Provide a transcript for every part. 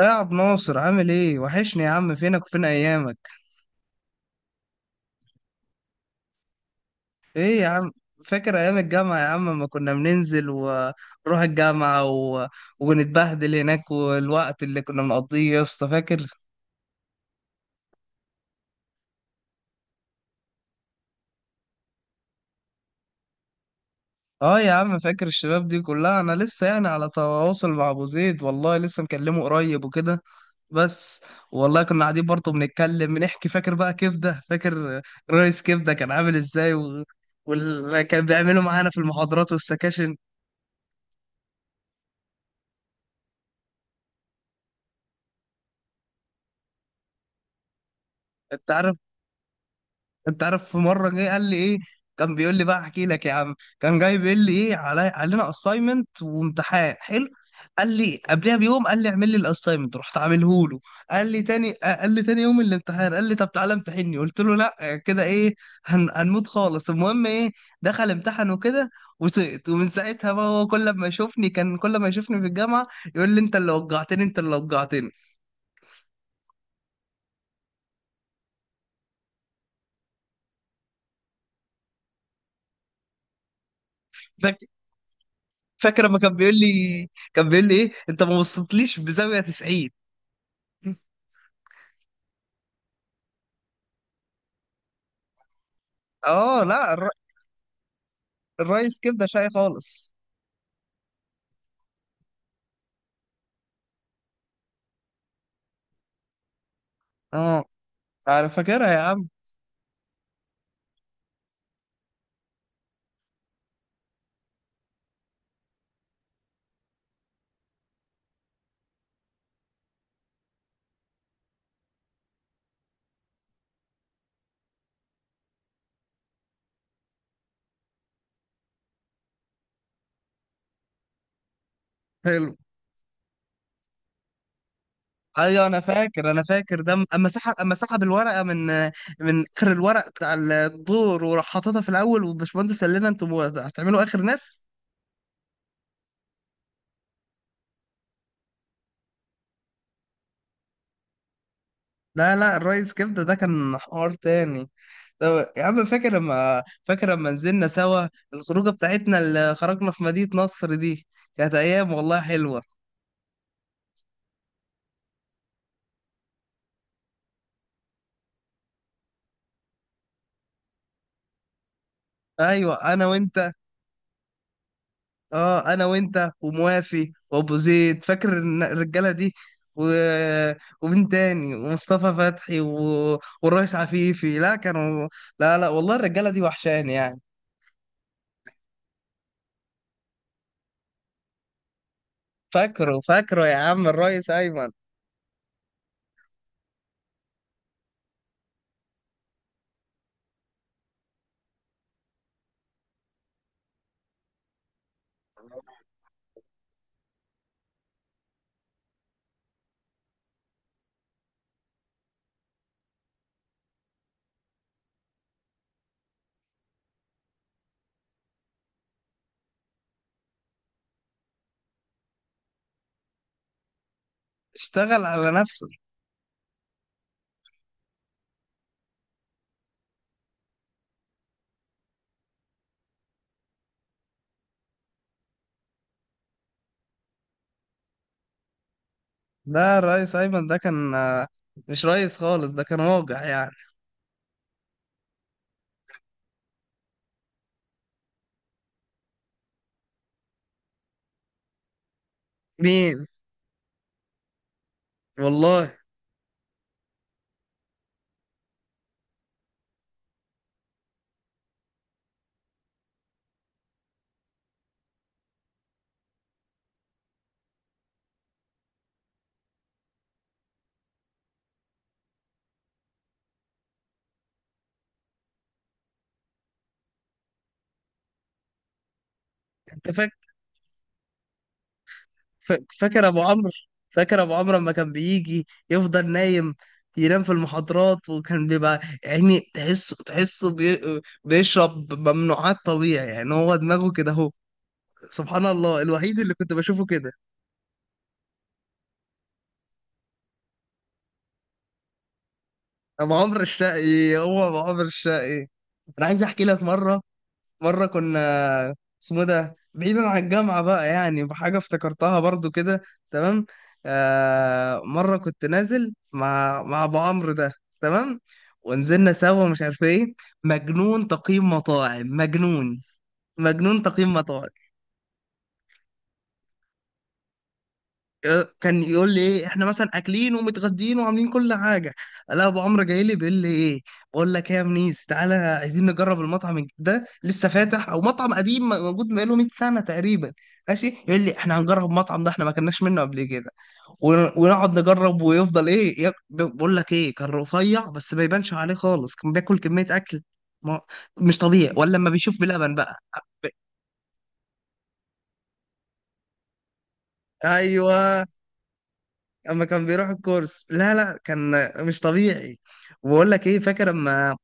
إيه يا عبد ناصر، عامل ايه؟ وحشني يا عم، فينك وفين ايامك؟ ايه يا عم، فاكر ايام الجامعه يا عم لما كنا بننزل ونروح الجامعه ونتبهدل هناك والوقت اللي كنا بنقضيه يا اسطى؟ فاكر؟ اه يا عم، فاكر الشباب دي كلها. انا لسه يعني على تواصل مع ابو زيد، والله لسه مكلمه قريب وكده. بس والله كنا قاعدين برضه بنتكلم بنحكي. فاكر بقى كبده؟ فاكر رئيس كبده كان عامل ازاي واللي كان بيعمله معانا في المحاضرات والسكاشن؟ انت عارف، انت عارف في مره جه قال لي ايه، كان بيقول لي بقى، احكي لك يا عم، كان جاي بيقول لي ايه: علينا اساينمنت وامتحان حلو. قال لي قبلها بيوم، قال لي اعمل لي الاساينمنت، رحت عامله له. قال لي تاني قال لي تاني يوم الامتحان قال لي طب تعالى امتحني. قلت له لا كده ايه، هنموت خالص. المهم ايه، دخل امتحن وكده وسقط. ومن ساعتها بقى هو كل ما يشوفني، كان كل ما يشوفني في الجامعه يقول لي انت اللي وجعتني، انت اللي وجعتني. فاك- فاكر لما كان بيقول لي، كان بيقول لي ايه، انت ما بصيتليش بزاويه 90؟ اه. لا الر- الريس كبده شاي خالص. اه انا فاكرها يا عم. حلو. ايوه انا فاكر، انا فاكر ده اما سحب، اما سحب الورقه من اخر الورق بتاع الدور وراح حاططها في الاول، والباشمهندس قال لنا انتوا هتعملوا اخر ناس. لا لا، الريس كبده ده كان حوار تاني. طب يا عم فاكر لما، فاكر لما نزلنا سوا الخروجه بتاعتنا اللي خرجنا في مدينه نصر دي؟ كانت ايام والله حلوه. ايوه انا وانت. اه انا وانت وموافي وابو زيد، فاكر الرجاله دي و... ومين تاني؟ ومصطفى فتحي والريس عفيفي. لا كانوا، لا لا والله الرجاله دي وحشاني يعني. فاكره، فاكره يا عم الريس ايمن. اشتغل على نفسه. ده الريس ايمن ده كان آه، مش ريس خالص، ده كان واجع يعني. مين؟ والله. انت فاكر؟ ف- فاكر ابو عمرو؟ فاكر ابو عمرو لما كان بيجي يفضل نايم، ينام في المحاضرات، وكان بيبقى يعني تحس، بيشرب ممنوعات طبيعي، يعني هو دماغه كده اهو. سبحان الله، الوحيد اللي كنت بشوفه كده. ابو عمرو الشقي، هو ابو عمرو الشقي. انا عايز احكي لك مره، مرة كنا، اسمه ده بعيدا عن الجامعة بقى، يعني بحاجة افتكرتها برضو كده. تمام. آه مرة كنت نازل مع أبو عمرو ده. تمام. ونزلنا سوا مش عارف ايه. مجنون تقييم مطاعم، مجنون، مجنون تقييم مطاعم. كان يقول لي ايه احنا مثلا اكلين ومتغدين وعاملين كل حاجه، لا ابو عمرو جاي لي بيقول لي ايه، بقول لك ايه يا منيس، تعالى عايزين نجرب المطعم ده لسه فاتح، او مطعم قديم موجود بقاله 100 سنه تقريبا. ماشي يقول لي احنا هنجرب المطعم ده، احنا ما كناش منه قبل كده ونقعد نجرب ويفضل ايه بقول لك ايه، كان رفيع بس ما يبانش عليه خالص، كان بياكل كميه اكل ما- مش طبيعي، ولا لما بيشوف بلبن بقى. ب- ايوه. اما كان بيروح الكورس، لا لا كان مش طبيعي. وبقول لك ايه، فاكر اما،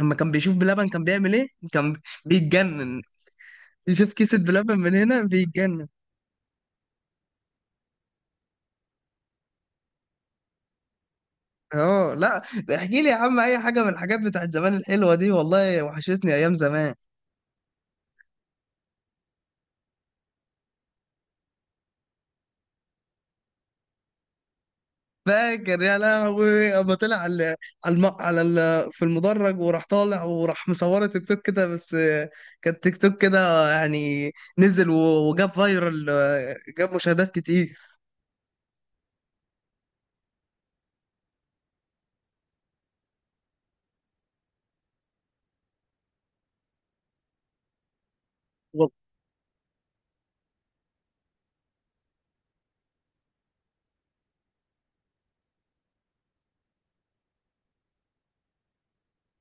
اما كان بيشوف بلبن كان بيعمل ايه؟ كان بيتجنن. يشوف كيسة بلبن من هنا بيتجنن. اه لا. احكي لي يا عم اي حاجه من الحاجات بتاعت زمان الحلوه دي، والله وحشتني ايام زمان. فاكر يا لهوي اما طلع على، في المدرج وراح طالع وراح مصوره تيك توك كده بس آه، كان تيك توك كده يعني، نزل وجاب فايرال آه، جاب مشاهدات كتير.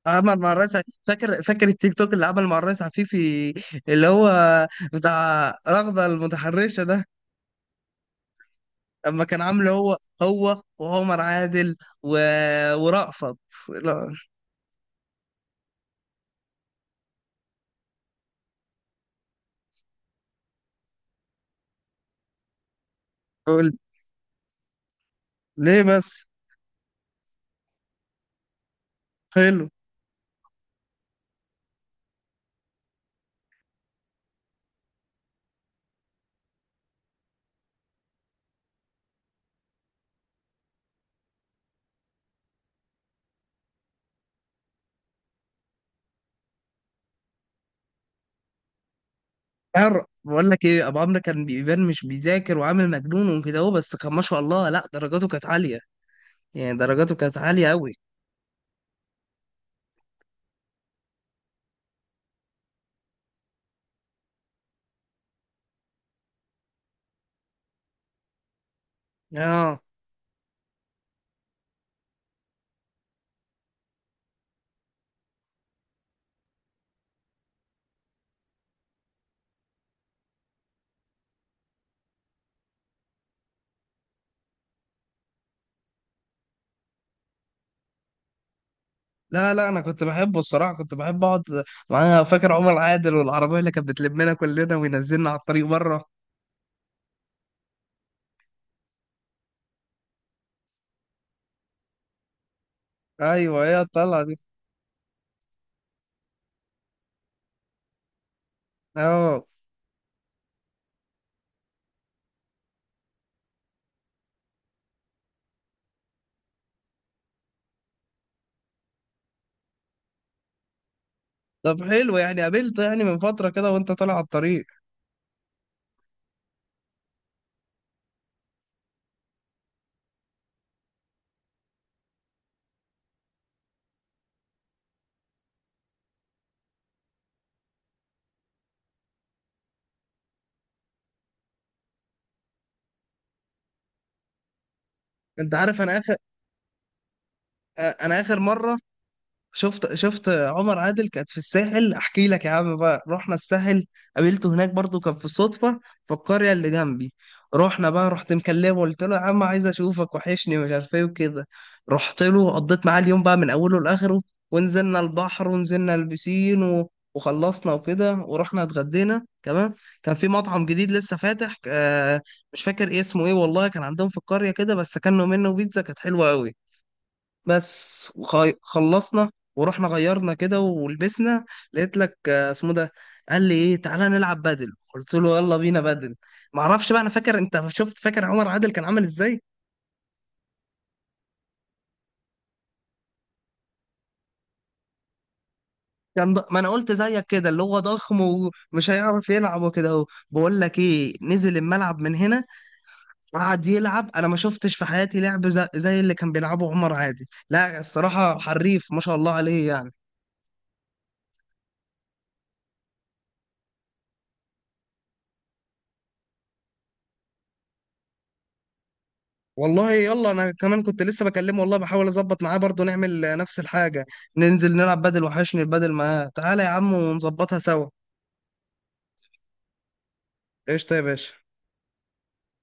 عمل مع الريس ع- فاكر، فاكر التيك توك اللي عمل مع الريس عفيفي، اللي هو بتاع رغدة المتحرشة ده؟ اما كان عامله هو، هو وعمر عادل و... ورأفت. لا. قول ليه بس. حلو. حر، بقول لك ايه، ابو عمرو كان بيبان مش بيذاكر وعامل مجنون وكده، هو بس كان ما شاء الله لا، درجاته كانت عالية يعني، درجاته كانت عالية قوي. اه. لا لا انا كنت بحبه الصراحه، كنت بحب اقعد معايا. فاكر عمر عادل والعربيه اللي كانت بتلمنا كلنا وينزلنا على الطريق بره؟ ايوه هي الطلعه دي. اه. طب حلو يعني، قابلته يعني من فتره كده وانت طالع على الطريق؟ انت عارف انا اخر آه، انا اخر مره شفت، شفت عمر عادل كانت في الساحل. احكي لك يا عم، بقى رحنا الساحل، قابلته هناك برضو، كان في صدفة في القرية اللي جنبي. رحنا بقى، رحت مكلمه، قلت له يا عم عايز اشوفك، وحشني مش عارف ايه وكده. رحت له، قضيت معاه اليوم بقى من اوله لاخره. ونزلنا البحر ونزلنا البسين وخلصنا وكده، ورحنا اتغدينا كمان. كان في مطعم جديد لسه فاتح آه، مش فاكر إيه اسمه، ايه والله، كان عندهم في القرية كده بس كانوا منه بيتزا كانت حلوة قوي. بس خلصنا ورحنا غيرنا كده ولبسنا. لقيت لك آه، اسمه ده، قال لي ايه تعالى نلعب بدل، قلت له يلا بينا بدل. ما اعرفش بقى، انا فاكر، انت شفت فاكر عمر عادل كان عامل ازاي؟ ما انا قلت زيك كده، اللي هو ضخم ومش هيعرف يلعب وكده اهو، بقول لك ايه، نزل الملعب من هنا قعد يلعب، انا ما شفتش في حياتي لعب زي اللي كان بيلعبه عمر عادل. لا الصراحة حريف ما شاء الله عليه يعني. والله يلا، انا كمان كنت لسه بكلمه والله بحاول اظبط معاه برضه نعمل آه، نفس الحاجه، ننزل نلعب بدل، وحشني البدل معاه. تعالى يا عم ونظبطها سوا. قشطه يا باشا.